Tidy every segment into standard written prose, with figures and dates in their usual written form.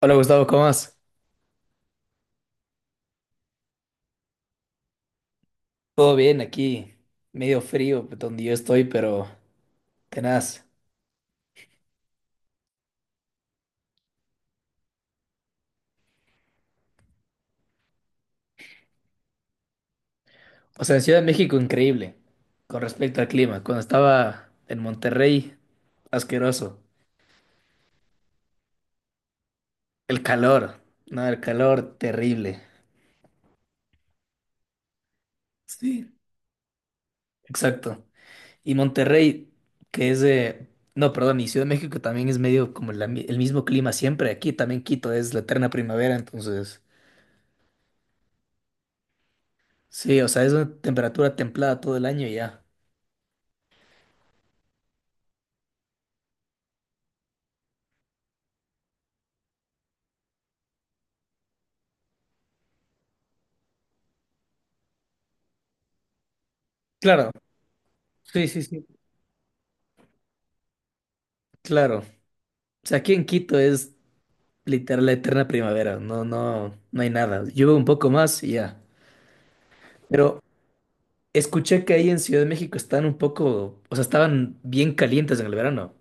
Hola Gustavo, ¿cómo vas? Todo bien aquí, medio frío pues, donde yo estoy, pero tenaz. O sea, en Ciudad de México increíble con respecto al clima. Cuando estaba en Monterrey, asqueroso. El calor, no, el calor terrible. Sí. Exacto. Y Monterrey, que es de... No, perdón, y Ciudad de México también es medio como el mismo clima siempre. Aquí también Quito es la eterna primavera, entonces... Sí, o sea, es una temperatura templada todo el año y ya. Claro, sí, sí, sí. Claro. O sea, aquí en Quito es literal la eterna primavera, no, no, no hay nada. Llueve un poco más y ya. Pero escuché que ahí en Ciudad de México están un poco, o sea, estaban bien calientes en el verano.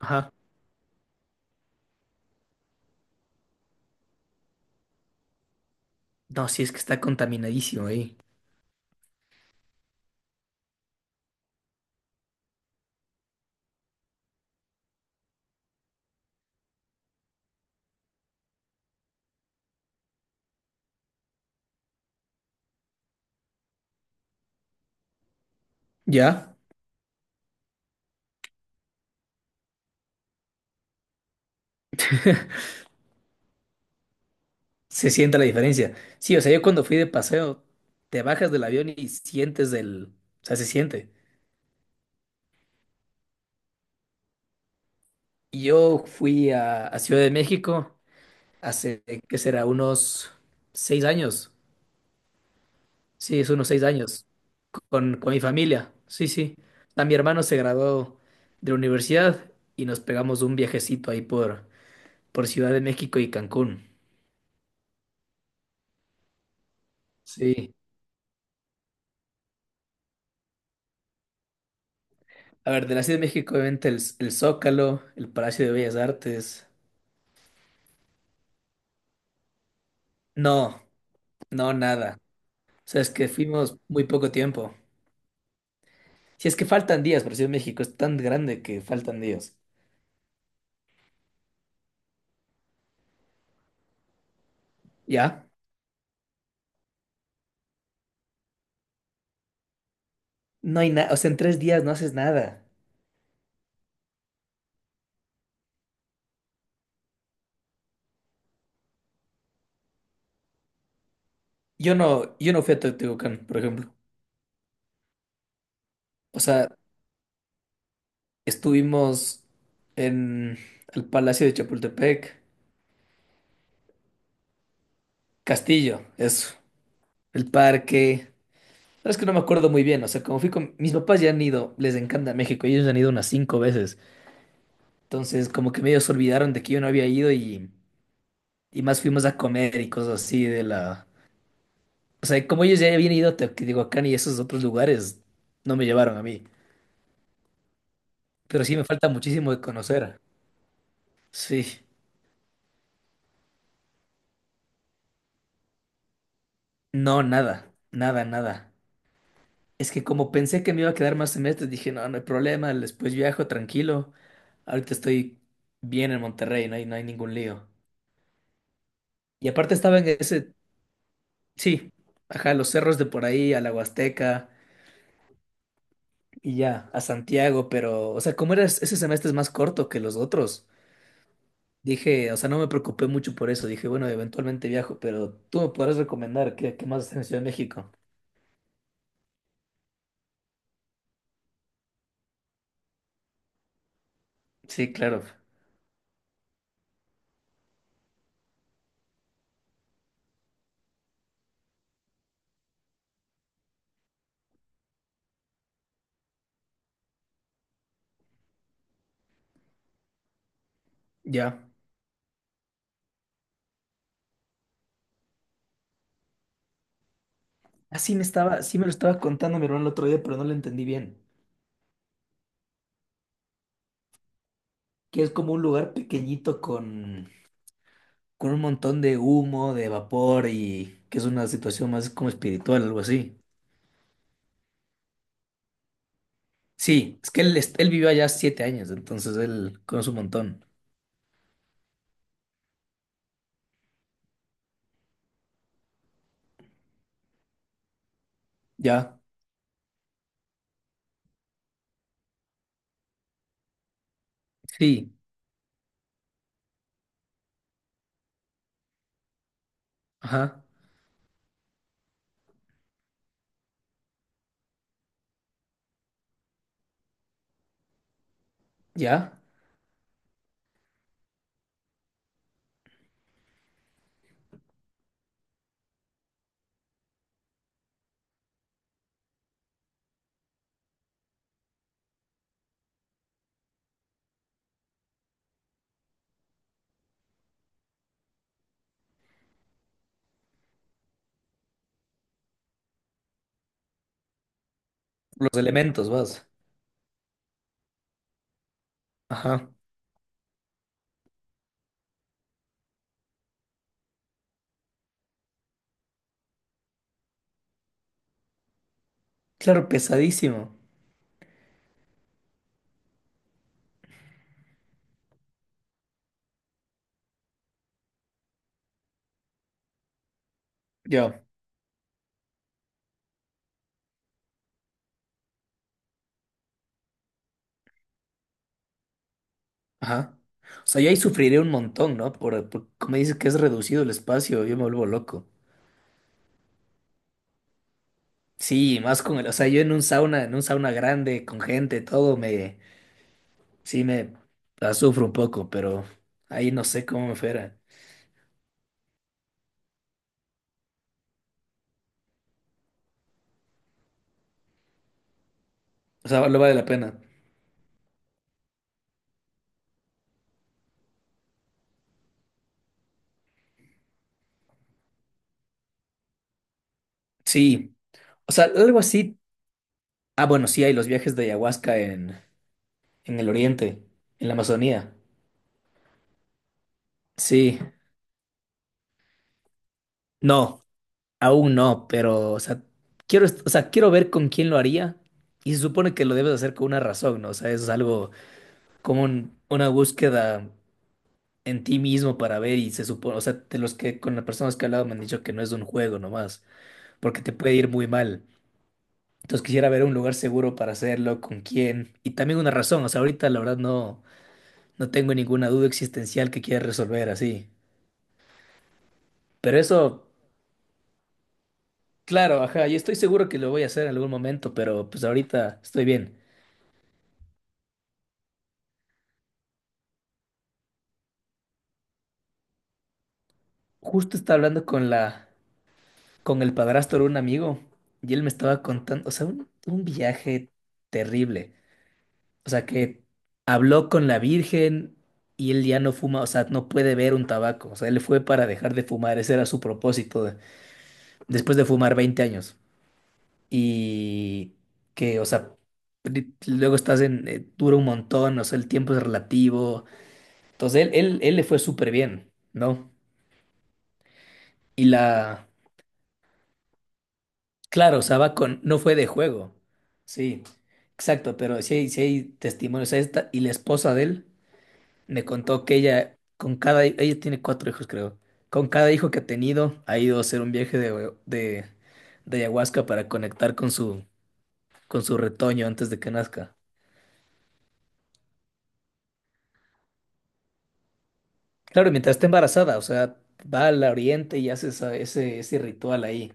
Ajá. No, sí, es que está contaminadísimo ahí. Ya, se siente la diferencia. Sí, o sea, yo cuando fui de paseo, te bajas del avión y sientes se siente. Yo fui a Ciudad de México hace, ¿qué será? Unos 6 años. Sí, es unos 6 años. Con mi familia. Sí, sí. A mi hermano se graduó de la universidad y nos pegamos un viajecito ahí por Ciudad de México y Cancún. Sí. A ver, de la Ciudad de México, obviamente, el Zócalo, el Palacio de Bellas Artes. No, no, nada. O sea, es que fuimos muy poco tiempo. Si es que faltan días, pero Ciudad de México es tan grande que faltan días. ¿Ya? No hay nada. O sea, en tres días no haces nada. Yo no, yo no fui a Teotihuacán, por ejemplo. O sea, estuvimos en el Palacio de Chapultepec, Castillo, eso, el parque. Sabes que no me acuerdo muy bien, o sea, como fui con mis papás ya han ido, les encanta México, ellos han ido unas 5 veces. Entonces, como que medio se olvidaron de que yo no había ido y más fuimos a comer y cosas así de la. O sea, como ellos ya habían ido a Teotihuacán y esos otros lugares, no me llevaron a mí. Pero sí me falta muchísimo de conocer. Sí, no, nada, nada, nada. Es que como pensé que me iba a quedar más semestres, dije, no, no hay problema, después viajo tranquilo. Ahorita estoy bien en Monterrey, no hay, no hay ningún lío. Y aparte estaba en ese, sí, ajá, los cerros de por ahí, a la Huasteca y ya, a Santiago, pero, o sea, como era ese semestre es más corto que los otros, dije, o sea, no me preocupé mucho por eso, dije, bueno, eventualmente viajo, pero tú me podrás recomendar qué, qué más hacer en Ciudad de México. Sí, claro, ya. Así me estaba, sí me lo estaba contando mi hermano el otro día, pero no lo entendí bien. Que es como un lugar pequeñito con un montón de humo, de vapor y que es una situación más como espiritual, algo así. Sí, es que él, él vivió allá 7 años, entonces él conoce un montón. Ya, sí, ajá, ya. Los elementos, vas. Ajá. Claro, pesadísimo. Ya, ajá. O sea, yo ahí sufriré un montón, ¿no? Por, como dices que es reducido el espacio, yo me vuelvo loco. Sí, más con el, o sea, yo en un sauna grande, con gente, todo, me, sí, me la sufro un poco, pero ahí no sé cómo me fuera. O sea, lo vale la pena. Sí, o sea, algo así. Ah, bueno, sí, hay los viajes de ayahuasca en el oriente, en la Amazonía. Sí, no, aún no, pero, o sea, quiero, o sea, quiero ver con quién lo haría. Y se supone que lo debes hacer con una razón, ¿no? O sea, eso es algo como una búsqueda en ti mismo para ver y se supone, o sea, de los que con las personas que he hablado me han dicho que no es un juego nomás, porque te puede ir muy mal. Entonces quisiera ver un lugar seguro para hacerlo, con quién. Y también una razón, o sea, ahorita la verdad no, no tengo ninguna duda existencial que quiera resolver así. Pero eso, claro, ajá, y estoy seguro que lo voy a hacer en algún momento, pero pues ahorita estoy bien. Justo estaba hablando con la, con el padrastro de un amigo y él me estaba contando, o sea, un viaje terrible. O sea, que habló con la Virgen y él ya no fuma, o sea, no puede ver un tabaco. O sea, él fue para dejar de fumar, ese era su propósito después de fumar 20 años y que, o sea, luego estás en, dura un montón, o sea, el tiempo es relativo. Entonces, él le fue súper bien, ¿no? Y la, claro, o sea, va con, no fue de juego, sí, exacto, pero sí hay testimonios. O sea, esta, y la esposa de él me contó que ella, con cada, ella tiene 4 hijos, creo. Con cada hijo que ha tenido, ha ido a hacer un viaje de ayahuasca para conectar con su retoño antes de que nazca. Claro, mientras esté embarazada, o sea, va al oriente y hace ese, ese ritual ahí.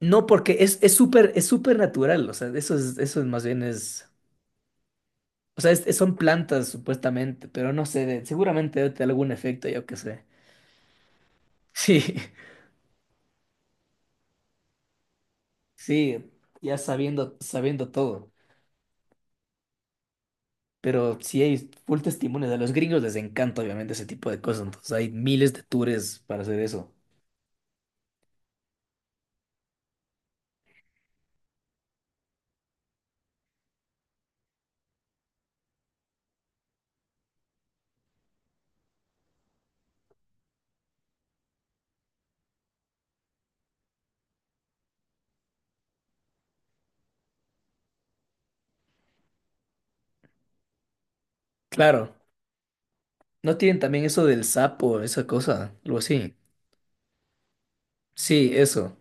No, porque es súper natural, o sea, eso es más bien es, o sea, son plantas supuestamente, pero no sé, seguramente debe tener algún efecto, yo qué sé. Sí, sí, ya sabiendo, sabiendo todo. Pero sí hay full testimonios, a los gringos les encanta obviamente ese tipo de cosas, entonces hay miles de tours para hacer eso. Claro, ¿no tienen también eso del sapo, esa cosa, algo así? Sí, eso,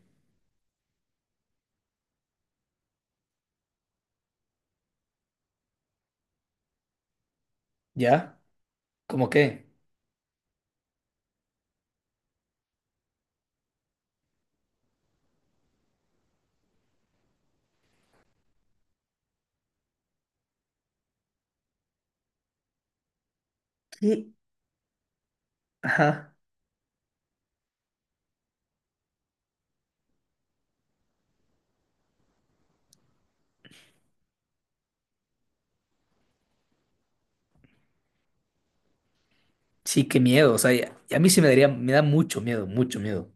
¿ya? ¿Cómo qué? Sí, ajá. Sí, qué miedo. O sea, y a mí sí me daría, me da mucho miedo, mucho miedo.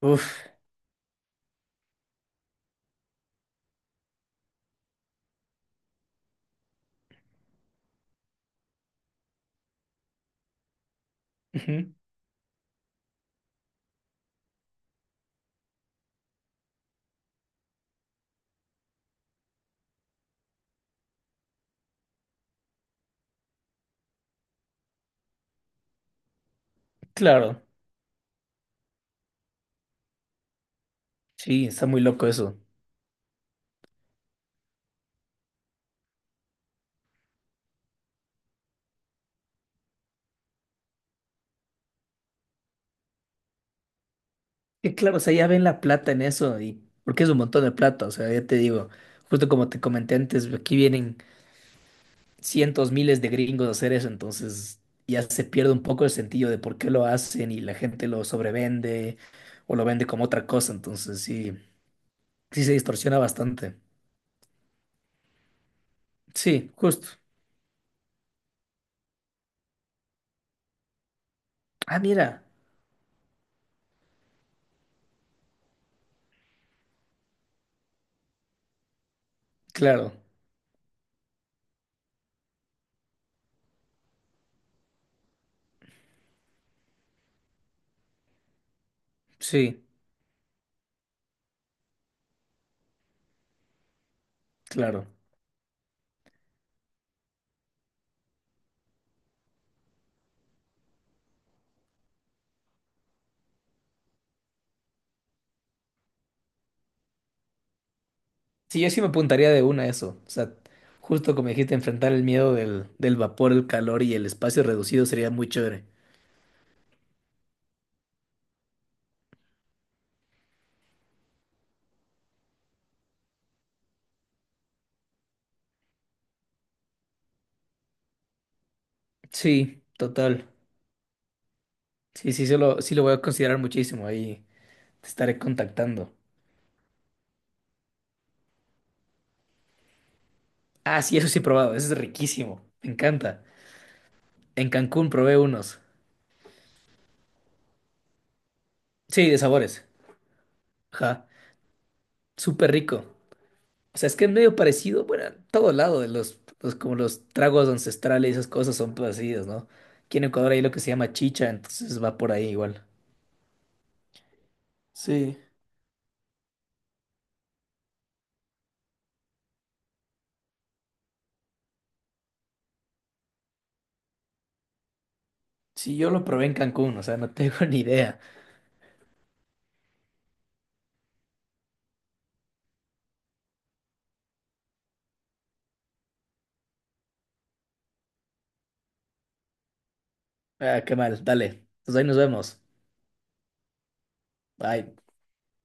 Uf. Ujú, claro. Sí, está muy loco eso. Y claro, o sea, ya ven la plata en eso y porque es un montón de plata. O sea, ya te digo, justo como te comenté antes, aquí vienen cientos, miles de gringos a hacer eso, entonces ya se pierde un poco el sentido de por qué lo hacen y la gente lo sobrevende o lo vende como otra cosa. Entonces sí, sí se distorsiona bastante. Sí, justo. Ah, mira. Claro. Sí, claro. Sí, yo sí me apuntaría de una a eso. O sea, justo como dijiste, enfrentar el miedo del, del vapor, el calor y el espacio reducido sería muy chévere. Sí, total. Sí, sí, sí lo voy a considerar muchísimo. Ahí te estaré contactando. Ah, sí, eso sí he probado. Eso es riquísimo. Me encanta. En Cancún probé unos. Sí, de sabores. Ajá. Súper rico. O sea, es que es medio parecido, bueno, en todo lado, de como los tragos ancestrales y esas cosas son parecidos, ¿no? Aquí en Ecuador hay lo que se llama chicha, entonces va por ahí igual. Sí. Sí, yo lo probé en Cancún, o sea, no tengo ni idea. Ah, qué mal, dale. Entonces ahí nos vemos. Bye.